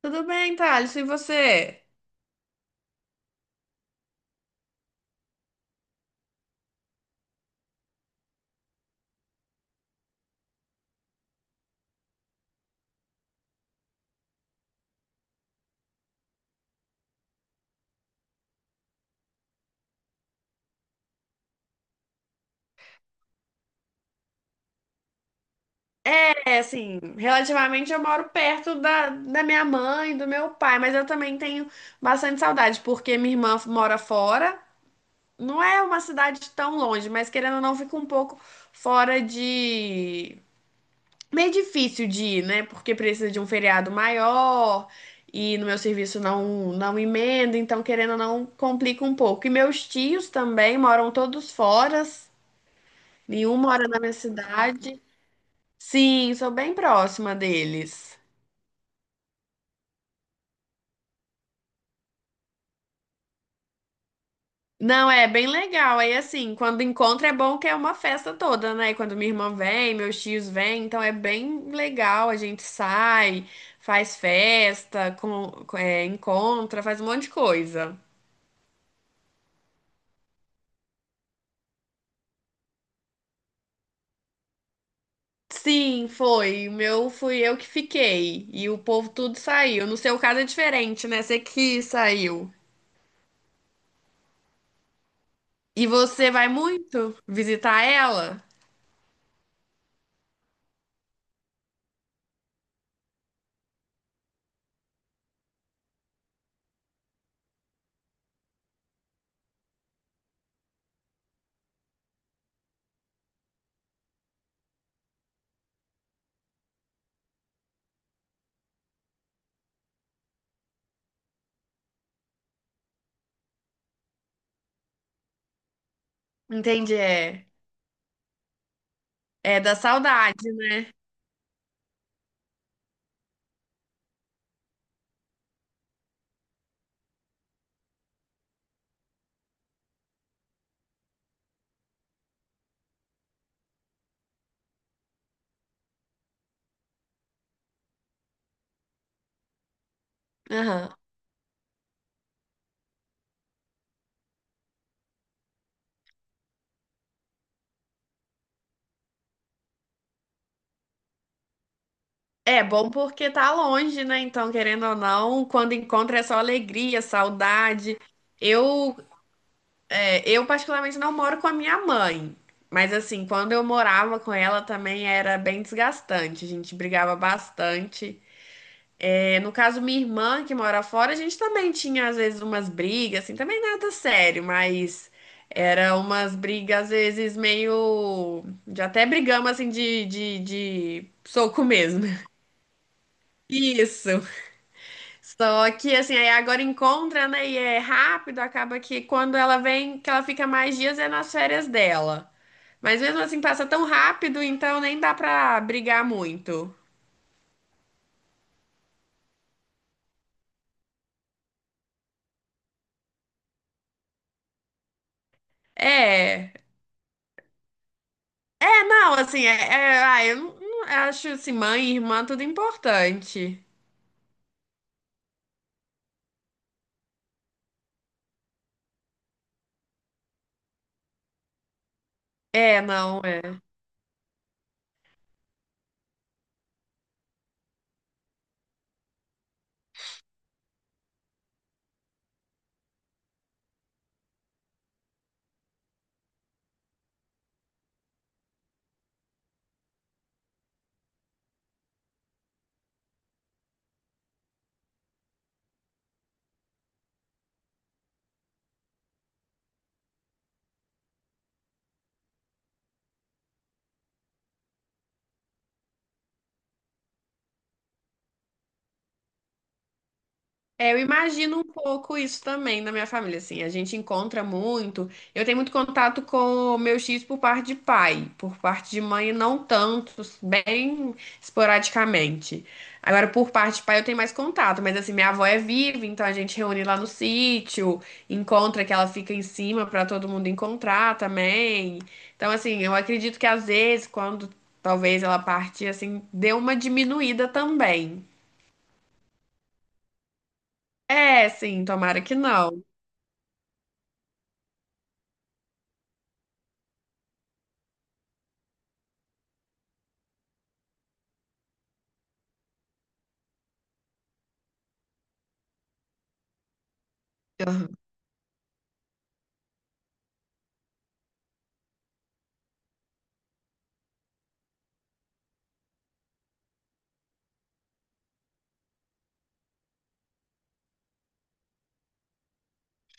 Tudo bem, Thales, e você? É, assim, relativamente eu moro perto da minha mãe, e do meu pai, mas eu também tenho bastante saudade, porque minha irmã mora fora. Não é uma cidade tão longe, mas querendo ou não, fica um pouco fora de. Meio difícil de ir, né? Porque precisa de um feriado maior e no meu serviço não emenda, então querendo ou não, complica um pouco. E meus tios também moram todos fora, nenhum mora na minha cidade. Sim, sou bem próxima deles. Não, é bem legal. Aí, assim, quando encontra é bom que é uma festa toda, né? Quando minha irmã vem, meus tios vêm, então é bem legal. A gente sai, faz festa, encontra, faz um monte de coisa. Sim, foi. O meu fui eu que fiquei. E o povo tudo saiu. No seu caso é diferente, né? Você que saiu. E você vai muito visitar ela? Entendi, é. É da saudade, né? Aham. É bom porque tá longe, né? Então, querendo ou não, quando encontra é só alegria, saudade. Eu, eu particularmente não moro com a minha mãe, mas assim, quando eu morava com ela também era bem desgastante. A gente brigava bastante. É, no caso, minha irmã que mora fora, a gente também tinha às vezes umas brigas, assim, também nada sério, mas era umas brigas às vezes meio, já até brigamos assim de soco mesmo. Isso. Só que assim, aí agora encontra, né? E é rápido, acaba que quando ela vem, que ela fica mais dias é nas férias dela. Mas mesmo assim passa tão rápido, então nem dá pra brigar muito. É. É, não, assim, ah, eu acho assim, mãe e irmã tudo importante. É, não. É. É, eu imagino um pouco isso também na minha família, assim, a gente encontra muito. Eu tenho muito contato com meus tios por parte de pai, por parte de mãe não tanto, bem esporadicamente. Agora, por parte de pai eu tenho mais contato, mas assim, minha avó é viva, então a gente reúne lá no sítio, encontra que ela fica em cima para todo mundo encontrar também. Então, assim, eu acredito que às vezes, quando talvez ela partir, assim, deu uma diminuída também. É, sim, tomara que não.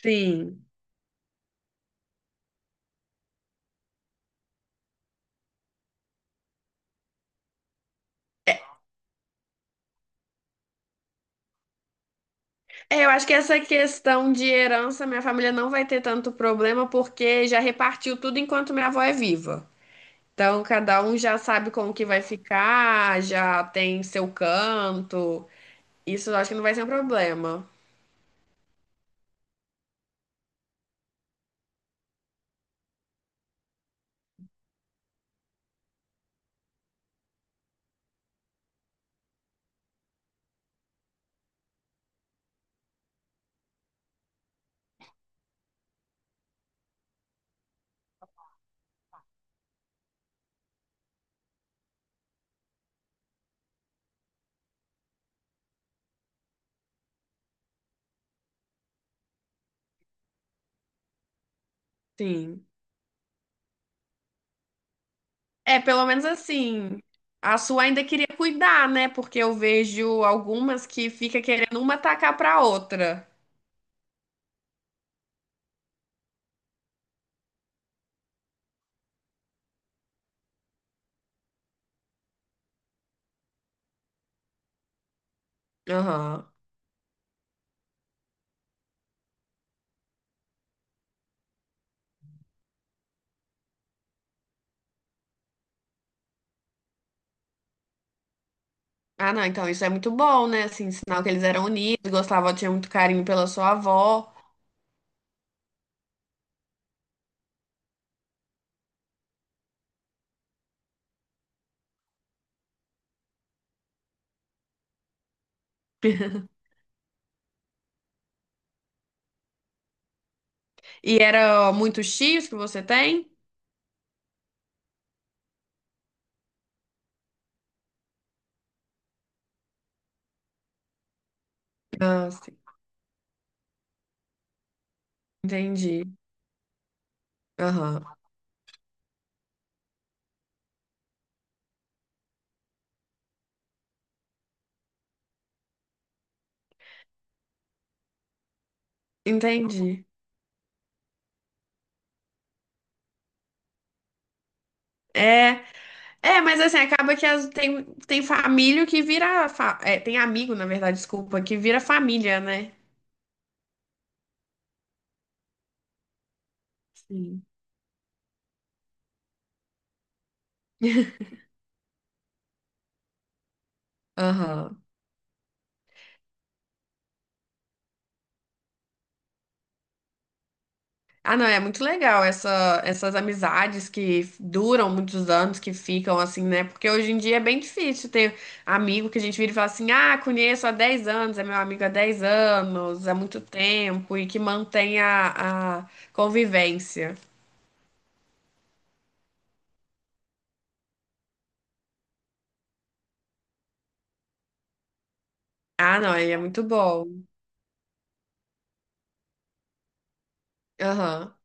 Sim. É, eu acho que essa questão de herança, minha família não vai ter tanto problema porque já repartiu tudo enquanto minha avó é viva. Então, cada um já sabe como que vai ficar, já tem seu canto. Isso eu acho que não vai ser um problema. Sim. É, pelo menos assim. A sua ainda queria cuidar, né? Porque eu vejo algumas que fica querendo uma atacar pra outra. Aham. Ah, não, então isso é muito bom, né? Assim, sinal que eles eram unidos, gostavam, tinha muito carinho pela sua avó. E era muitos tios que você tem? Ah, sim. Entendi. Aham. Entendi. É, é, mas assim, acaba que tem família que vira. Tem amigo, na verdade, desculpa, que vira família, né? Sim. Aham. Ah, não, é muito legal essas amizades que duram muitos anos, que ficam assim, né? Porque hoje em dia é bem difícil ter amigo que a gente vira e fala assim: ah, conheço há 10 anos, é meu amigo há 10 anos, há muito tempo, e que mantém a convivência. Ah, não, aí é muito bom. Aham.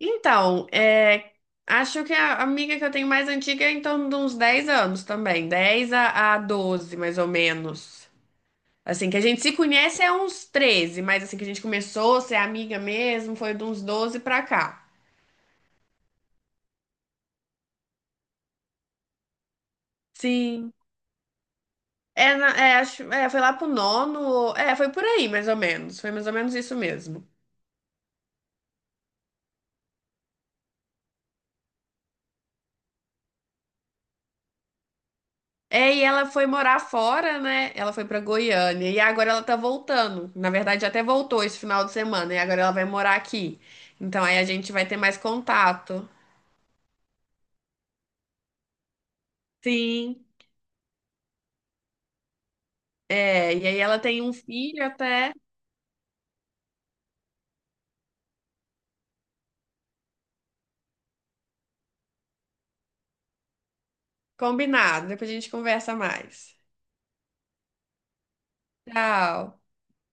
Então, acho que a amiga que eu tenho mais antiga é em torno de uns 10 anos também, 10 a 12, mais ou menos. Assim, que a gente se conhece é uns 13 mas assim que a gente começou a ser amiga mesmo, foi de uns 12 pra cá. Sim. É, foi lá pro nono, foi por aí mais ou menos, foi mais ou menos isso mesmo. É, e ela foi morar fora, né? Ela foi pra Goiânia e agora ela tá voltando. Na verdade, até voltou esse final de semana e agora ela vai morar aqui. Então aí a gente vai ter mais contato. Sim. É, e aí ela tem um filho até combinado, depois a gente conversa mais. Tchau.